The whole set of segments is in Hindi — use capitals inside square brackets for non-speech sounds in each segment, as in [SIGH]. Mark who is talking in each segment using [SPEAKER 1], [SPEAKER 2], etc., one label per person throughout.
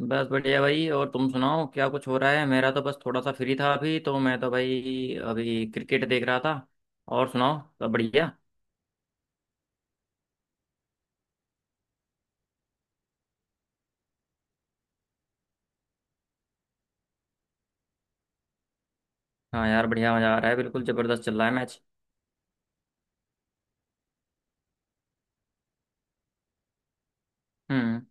[SPEAKER 1] बस बढ़िया भाई। और तुम सुनाओ क्या कुछ हो रहा है। मेरा तो बस थोड़ा सा फ्री था अभी तो मैं तो भाई अभी क्रिकेट देख रहा था और सुनाओ सब बढ़िया। हाँ यार बढ़िया मज़ा आ रहा है बिल्कुल ज़बरदस्त चल रहा है मैच। हम्म।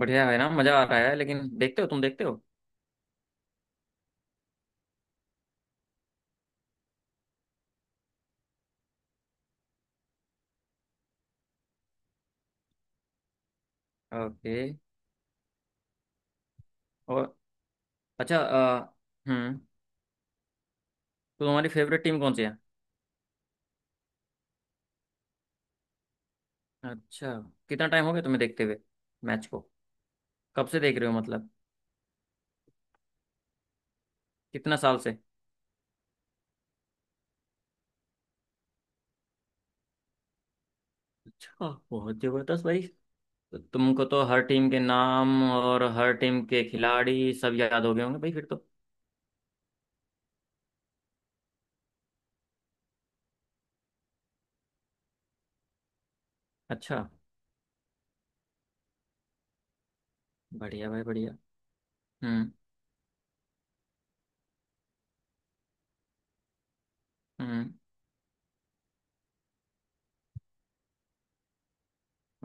[SPEAKER 1] बढ़िया है ना मज़ा आ रहा है लेकिन देखते हो तुम देखते हो। ओके। और अच्छा हम्म। तो तुम्हारी फेवरेट टीम कौन सी है। अच्छा। कितना टाइम हो गया तुम्हें देखते हुए मैच को कब से देख रहे हो मतलब। कितना साल से। अच्छा बहुत जबरदस्त भाई। तो तुमको तो हर टीम के नाम और हर टीम के खिलाड़ी सब याद हो गए होंगे भाई फिर तो। अच्छा बढ़िया भाई बढ़िया। हम्म। हम्म।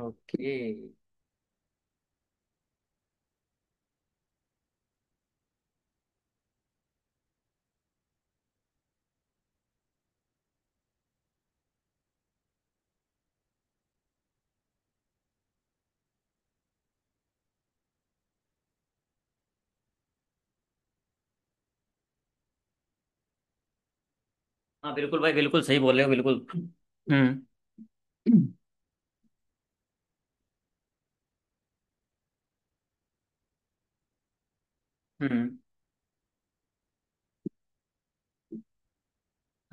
[SPEAKER 1] ओके। हाँ बिल्कुल भाई बिल्कुल सही बोल रहे हो बिल्कुल। हम्म। हम्म।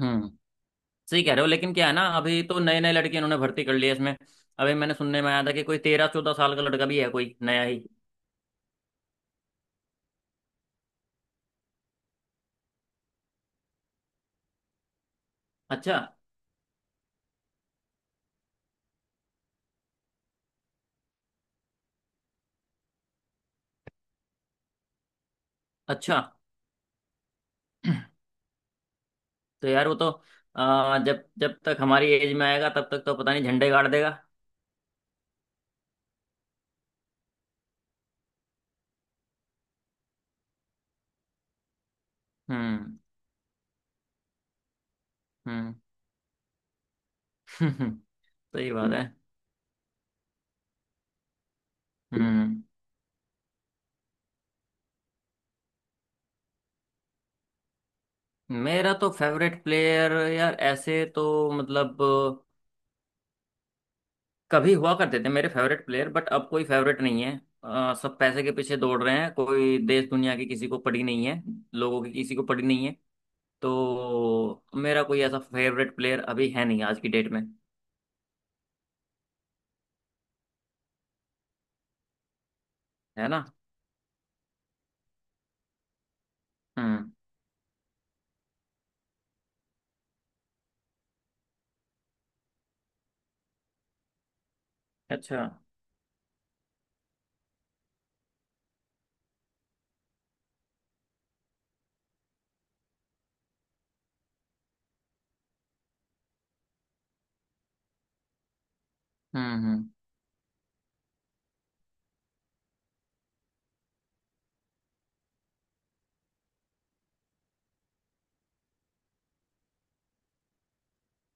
[SPEAKER 1] हम्म। सही कह रहे हो लेकिन क्या है ना अभी तो नए नए लड़के इन्होंने भर्ती कर लिए इसमें। अभी मैंने सुनने में आया था कि कोई 13-14 साल का लड़का भी है कोई नया ही। अच्छा। अच्छा तो यार वो तो आ, जब जब तक हमारी एज में आएगा तब तक तो पता नहीं झंडे गाड़ देगा। हम्म। हम्म। [LAUGHS] सही बात है। हम्म। मेरा तो फेवरेट प्लेयर यार ऐसे तो मतलब कभी हुआ करते थे मेरे फेवरेट प्लेयर बट अब कोई फेवरेट नहीं है। सब पैसे के पीछे दौड़ रहे हैं कोई देश दुनिया की किसी को पड़ी नहीं है। लोगों की किसी को पड़ी नहीं है। तो मेरा कोई ऐसा फेवरेट प्लेयर अभी है नहीं आज की डेट में है ना। हम्म। अच्छा। हम्म। हम्म।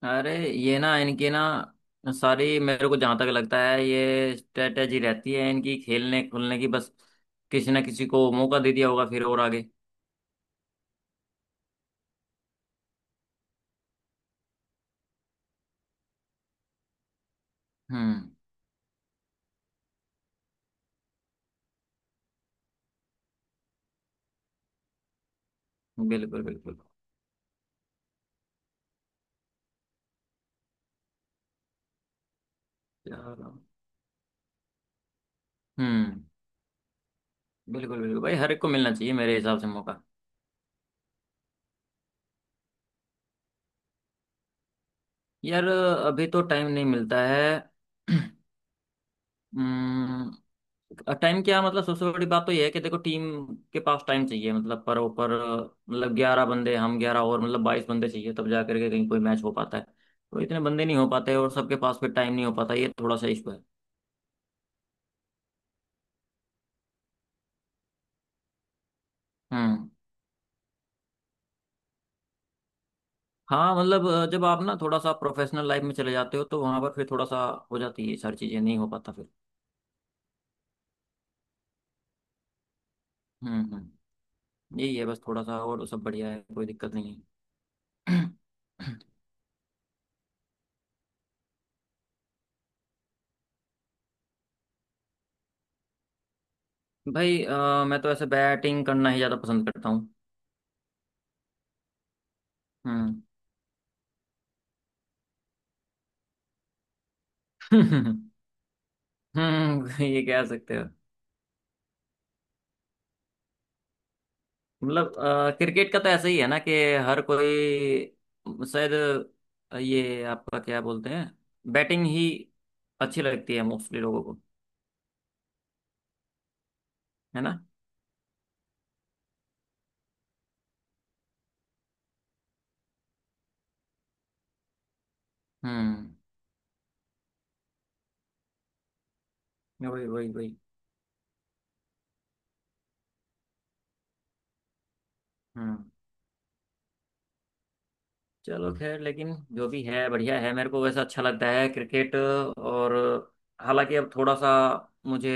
[SPEAKER 1] अरे ये ना इनकी ना सारी मेरे को जहां तक लगता है ये स्ट्रेटेजी रहती है इनकी खेलने खुलने की बस। किसी ना किसी को मौका दे दिया होगा फिर और आगे। हम्म। बिल्कुल बिल्कुल। यार। हम्म। बिल्कुल बिल्कुल भाई हर एक को मिलना चाहिए मेरे हिसाब से मौका। यार अभी तो टाइम नहीं मिलता है। [CLEARS THROAT] हम्म। टाइम क्या मतलब सबसे बड़ी बात तो यह है कि देखो टीम के पास टाइम चाहिए मतलब पर ओवर मतलब 11 बंदे हम 11 और मतलब 22 बंदे चाहिए तब जा करके कहीं कोई मैच हो पाता है। तो इतने बंदे नहीं हो पाते और सबके पास फिर टाइम नहीं हो पाता ये थोड़ा सा इशू है। हम्म। हाँ मतलब जब आप ना थोड़ा सा प्रोफेशनल लाइफ में चले जाते हो तो वहां पर फिर थोड़ा सा हो जाती है ये सारी चीजें नहीं हो पाता फिर। हम्म। हम्म। यही है बस थोड़ा सा और सब बढ़िया है कोई दिक्कत नहीं है। [CLEARS THROAT] भाई मैं तो ऐसे बैटिंग करना ही ज्यादा पसंद करता हूँ। हम्म [LAUGHS] [LAUGHS] ये कह सकते हो। मतलब क्रिकेट का तो ऐसा ही है ना कि हर कोई शायद ये आपका क्या बोलते हैं बैटिंग ही अच्छी लगती है मोस्टली लोगों को। है ना। हम्म। वही वही वही। हम्म। चलो खैर लेकिन जो भी है बढ़िया है मेरे को वैसा अच्छा लगता है क्रिकेट और। हालांकि अब थोड़ा सा मुझे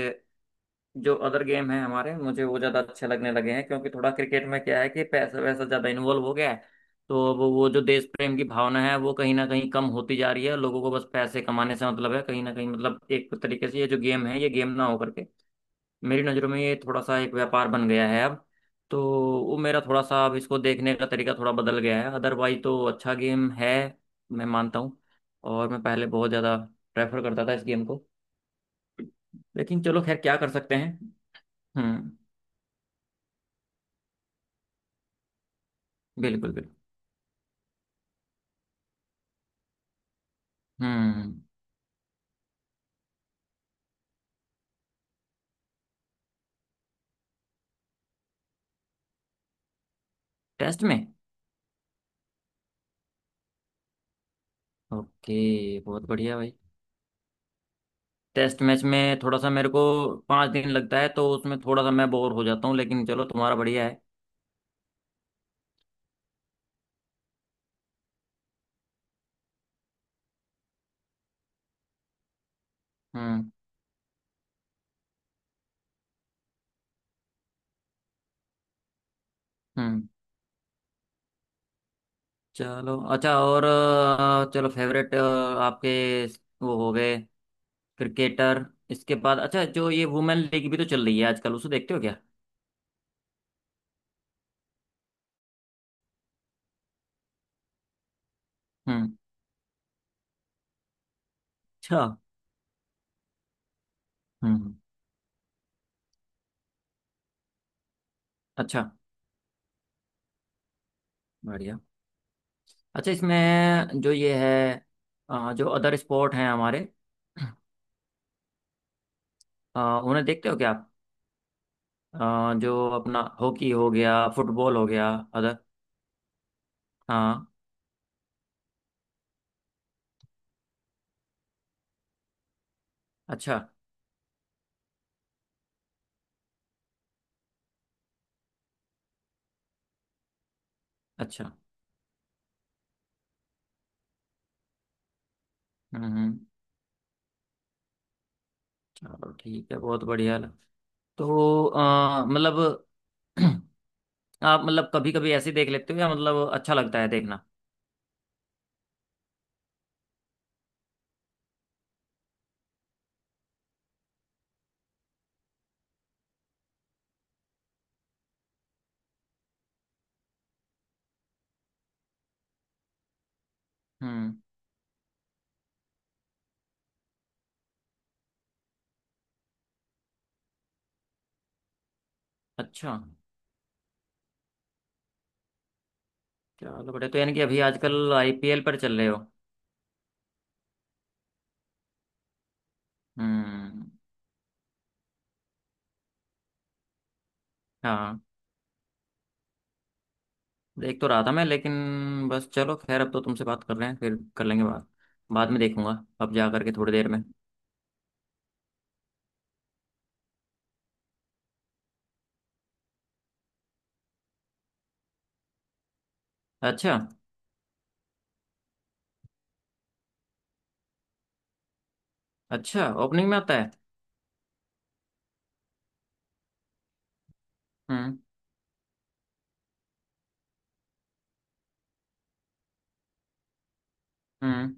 [SPEAKER 1] जो अदर गेम है हमारे मुझे वो ज़्यादा अच्छे लगने लगे हैं क्योंकि थोड़ा क्रिकेट में क्या है कि पैसा वैसा ज़्यादा इन्वॉल्व हो गया है। तो अब वो जो देश प्रेम की भावना है वो कहीं ना कहीं कम होती जा रही है लोगों को बस पैसे कमाने से मतलब है कहीं ना कहीं मतलब एक तरीके से ये जो गेम है ये गेम ना होकर के मेरी नज़रों में ये थोड़ा सा एक व्यापार बन गया है अब। तो वो मेरा थोड़ा सा अब इसको देखने का तरीका थोड़ा बदल गया है अदरवाइज तो अच्छा गेम है मैं मानता हूँ। और मैं पहले बहुत ज़्यादा प्रेफर करता था इस गेम को लेकिन चलो खैर क्या कर सकते हैं। हम्म। बिल्कुल बिल्कुल। हम्म। टेस्ट में ओके बहुत बढ़िया भाई। टेस्ट मैच में थोड़ा सा मेरे को 5 दिन लगता है तो उसमें थोड़ा सा मैं बोर हो जाता हूँ लेकिन चलो तुम्हारा बढ़िया है। हम्म हम्म। चलो अच्छा और चलो फेवरेट आपके वो हो गए क्रिकेटर इसके बाद। अच्छा जो ये वुमेन लीग भी तो चल रही है आजकल उसे देखते हो क्या। हम्म। अच्छा। हम्म। अच्छा बढ़िया। अच्छा इसमें जो ये है जो अदर स्पोर्ट हैं हमारे उन्हें देखते हो क्या आप। अ, जो अपना हॉकी हो गया फुटबॉल हो गया अदर। हाँ। अच्छा। अच्छा। हम्म हम्म, चलो ठीक है बहुत बढ़िया तो मतलब [CLEARS THROAT] आप मतलब कभी कभी ऐसे देख लेते हो या मतलब अच्छा लगता है देखना। हम्म। अच्छा। चलो बढ़िया तो यानी कि अभी आजकल आईपीएल पर चल रहे हो। हम्म। हाँ देख तो रहा था मैं लेकिन बस चलो खैर अब तो तुमसे बात कर रहे हैं फिर कर लेंगे बात बाद में देखूंगा अब जा करके थोड़ी देर में। अच्छा। अच्छा ओपनिंग में आता है। हम्म हम्म।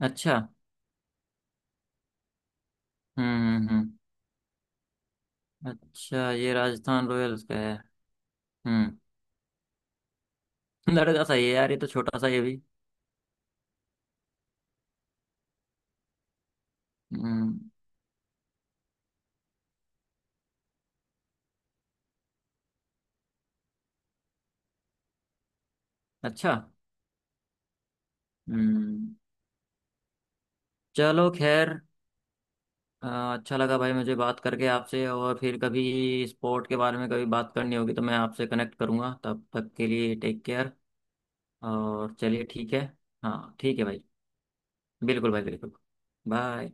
[SPEAKER 1] अच्छा। हम्म हम्म हम्म। अच्छा ये राजस्थान रॉयल्स का है। हम्म। लड़का सही है यार ये तो छोटा सा ये भी। हम्म। अच्छा। हम्म। चलो खैर अ, अच्छा लगा भाई मुझे बात करके आपसे और फिर कभी स्पोर्ट के बारे में कभी बात करनी होगी तो मैं आपसे कनेक्ट करूंगा तब तक के लिए टेक केयर। और चलिए ठीक है। हाँ ठीक है भाई बिल्कुल भाई बिल्कुल। बाय।